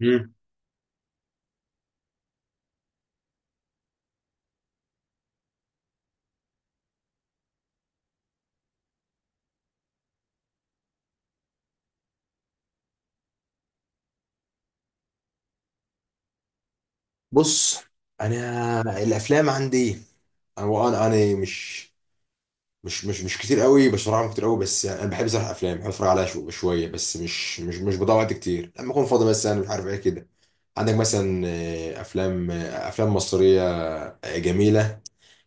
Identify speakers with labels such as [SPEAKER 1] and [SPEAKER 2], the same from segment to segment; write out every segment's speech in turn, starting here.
[SPEAKER 1] مم. بص، انا الافلام عندي، انا مش كتير قوي بشرحهم كتير قوي، بس يعني انا بحب صراحة افلام بحب اتفرج عليها شويه، بس مش بضيع وقت كتير لما اكون فاضي، مثلا مش عارف ايه كده. عندك مثلا افلام، افلام مصريه جميله،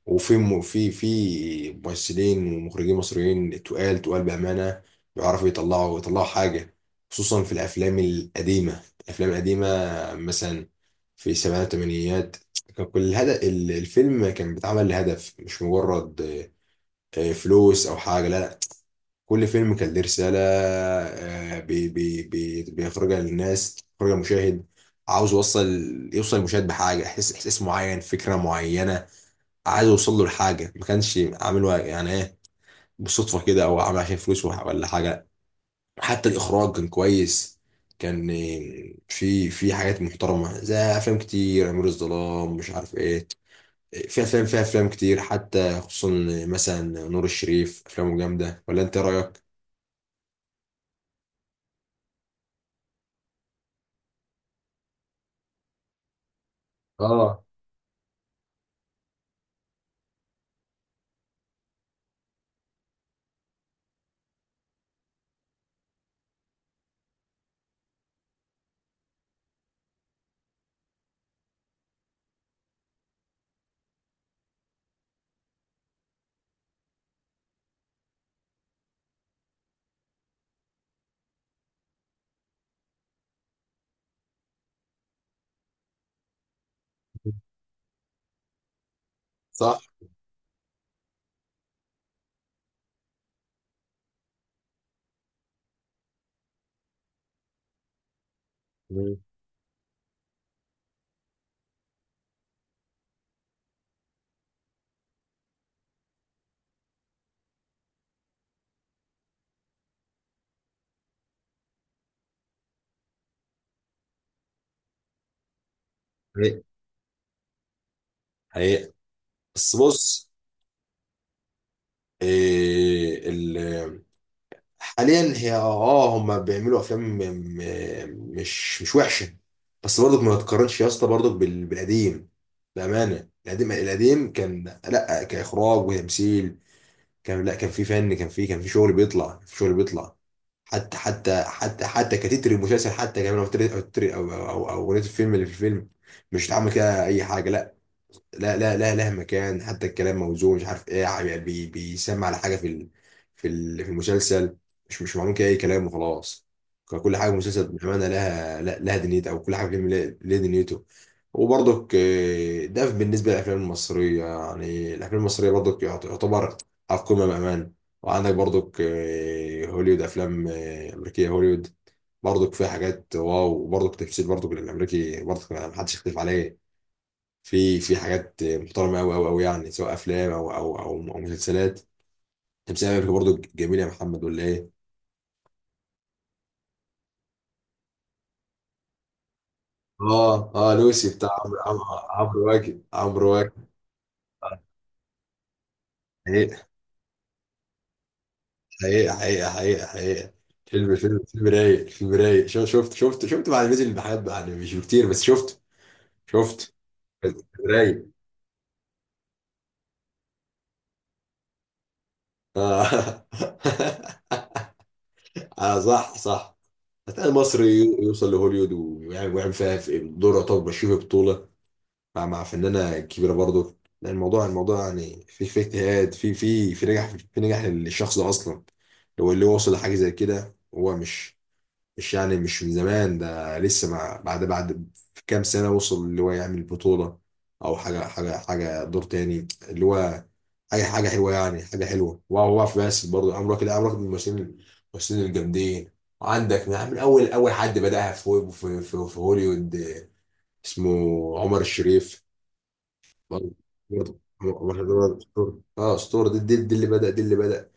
[SPEAKER 1] وفي في ممثلين ومخرجين مصريين، تقال تقال بأمانة، بيعرفوا يطلعوا يطلعوا حاجة، خصوصا في الأفلام القديمة الأفلام القديمة، مثلا في السبعينات والثمانينات. كان كل الهدف، الفيلم كان بيتعمل لهدف، مش مجرد فلوس أو حاجة. لا لا، كل فيلم كان ليه رسالة آه، بي بي بي بيخرجها للناس، بيخرجها للمشاهد، عاوز يوصل المشاهد بحاجة، إحساس معين، فكرة معينة، عايز اوصل له لحاجه ما كانش عامله يعني ايه، بالصدفه كده، او عامل عشان فلوس ولا حاجه. حتى الاخراج كان كويس، كان في حاجات محترمه، زي افلام كتير، امير الظلام مش عارف ايه، في افلام، فيها افلام كتير حتى، خصوصا مثلا نور الشريف افلامه جامده، ولا انت إيه رايك؟ اه، صح. مم. حقيقة حقيقة، بس بص، إيه ال حاليا هي هم بيعملوا افلام، مش وحشه، بس برضك ما تقارنش يا اسطى، برضك بالقديم. بامانه القديم القديم، كان لا كاخراج وتمثيل، كان لا، كان في فن، كان في شغل بيطلع، في شغل بيطلع، حتى كتتر المسلسل، حتى كمان او تتر- او تتر- او او أو اغنيه الفيلم اللي في الفيلم، مش اتعمل كده اي حاجه. لا لا لا لا، لها مكان، حتى الكلام موزون، مش عارف ايه يعني، بيسمع على حاجه في المسلسل، مش معلوم كده اي كلام وخلاص. كل حاجه في المسلسل بامانه لها، لها دنيتها، او كل حاجه في الفيلم لها دنيته. وبرضك، ده بالنسبه للافلام المصريه، يعني الافلام المصريه برضك يعتبر على القمه بامان. وعندك برضك هوليوود، افلام امريكيه، هوليوود برضك فيها حاجات، واو، وبرضك تمثيل، برضك الامريكي برضك ما حدش يختلف عليه، في حاجات محترمه قوي قوي قوي، يعني سواء افلام أو مسلسلات، تمثيل امريكا برضو جميل يا محمد، ولا ايه؟ اه اه، لوسي بتاع عمرو واكد. حقيقة حقيقة حقيقة حقيقة حقيقة، فيلم رايق فيلم رايق، شفت بعد ما نزل، بحب يعني مش كتير، بس شفت فيلم رايق. اه صح صح، هتلاقي المصري يوصل لهوليود ويعمل فيها في دور، يعتبر ماشي في بطولة، مع فنانة كبيرة، برضو لأن الموضوع يعني في اجتهاد، في نجاح للشخص ده أصلا، لو اللي وصل لحاجة زي كده، هو مش يعني مش من زمان ده، لسه مع بعد في كام سنة وصل اللي هو يعمل بطولة، أو حاجة دور تاني، اللي هو حاجة حلوة يعني حاجة حلوة، وهو واقف بس، برضه عمرو واكد من الممثلين الجامدين. عندك من أول أول حد بدأها في هوليوود، اسمه عمر الشريف. برضه برضه عمر اسطوره، اسطوره، دي اللي بدأ دي اللي بدأ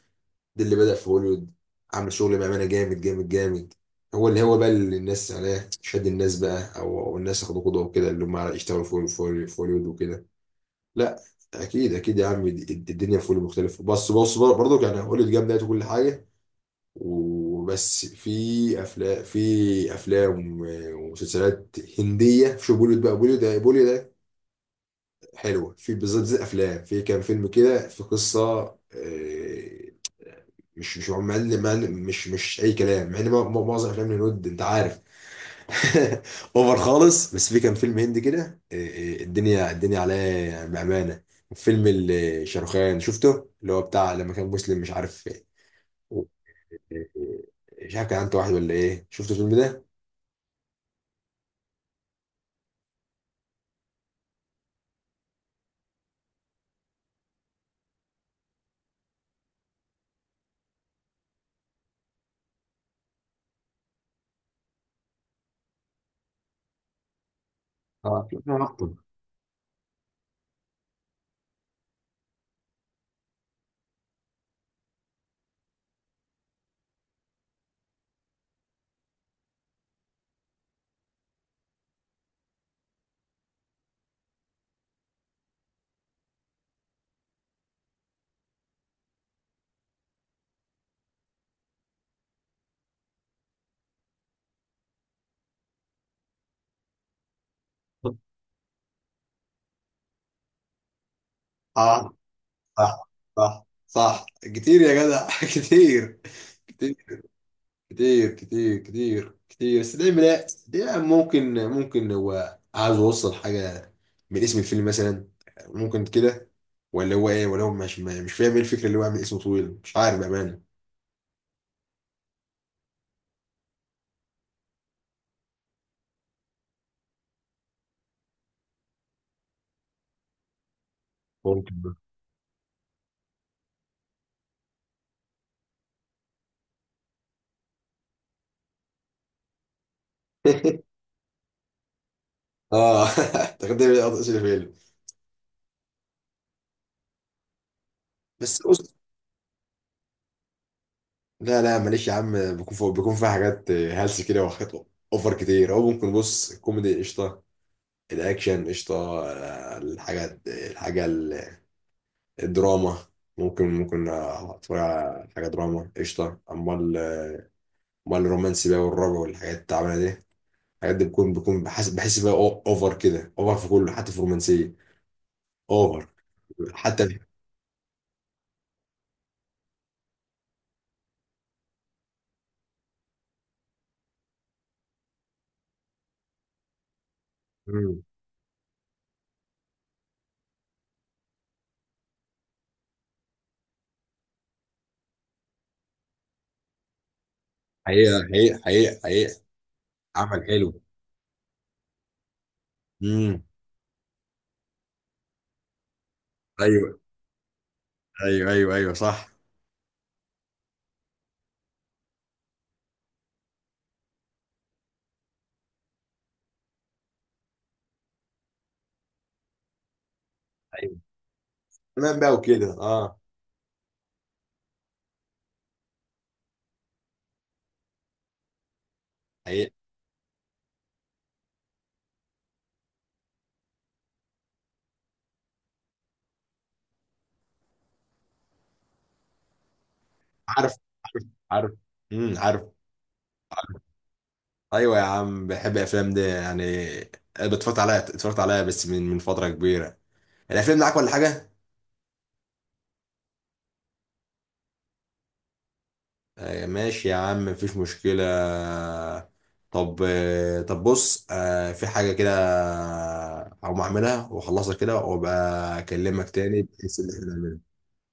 [SPEAKER 1] دي اللي بدأ في هوليوود، عامل شغل بأمانة، جامد جامد جامد. هو اللي هو بقى، اللي الناس عليه شد الناس بقى، أو الناس اخدوا قدوه وكده، اللي هم يشتغلوا في هوليوود وكده. لا، اكيد اكيد يا عم، الدنيا في هوليوود مختلفه، بس بص برضه يعني هوليوود جامده وكل حاجه. وبس في افلام ومسلسلات هنديه، شو بوليوود بقى، بوليوود ده، بوليوود حلوه، في بالظبط زي الافلام، في كام فيلم كده في قصه، آه، مش مش اي كلام، مع ان معظم افلام الهنود انت عارف، اوفر خالص، بس في كام فيلم هندي كده، آه، الدنيا الدنيا عليه، يعني بامانه. فيلم شاروخان شفته، اللي هو بتاع لما كان مسلم مش عارف، آه، مش عارف كان عنده واحد ولا ايه، شفت الفيلم ده؟ اه اه، صح صح صح، كتير يا جدع، كتير كتير كتير كتير كتير. بس دايما، لا دايما، ممكن هو عاوز يوصل حاجة من اسم الفيلم مثلا، ممكن كده، ولا هو ايه، ولا هو مش فاهم ايه الفكرة اللي هو عامل اسمه طويل، مش عارف بأمانة، ممكن بقى. اه تقدم لي اسم الفيلم. بس بص، لا لا معلش يا عم، بيكون فوق، بيكون فيها حاجات هلس كده وحاجات اوفر كتير، او ممكن بص، الكوميدي قشطة، الاكشن قشطة، آه، الحاجات الحاجة الدراما، ممكن اتفرج على حاجه دراما قشطه، امال الرومانسي بقى، والرعب والحاجات التعبانه دي، الحاجات دي بكون بحس بقى اوفر كده، اوفر في كله حتى في الرومانسيه اوفر، حتى في- مم. حقيقه حقيقه حقيقه حقيقه، عمل حلو، امم، ايوه ايوه ايوه ايوه، صح، ايوه، تمام بقى وكده، حقيقه، عارف عارف عارف عارف، ايوه يا عم بحب الافلام دي يعني، أنا اتفرجت عليها اتفرجت عليها بس من فتره كبيره، الافلام معاك ولا حاجه؟ ماشي يا عم، مفيش مشكلة. طب طب بص في حاجة كده، هقوم أعملها وأخلصها كده، وأبقى أكلمك تاني، بحيث إن إحنا نعملها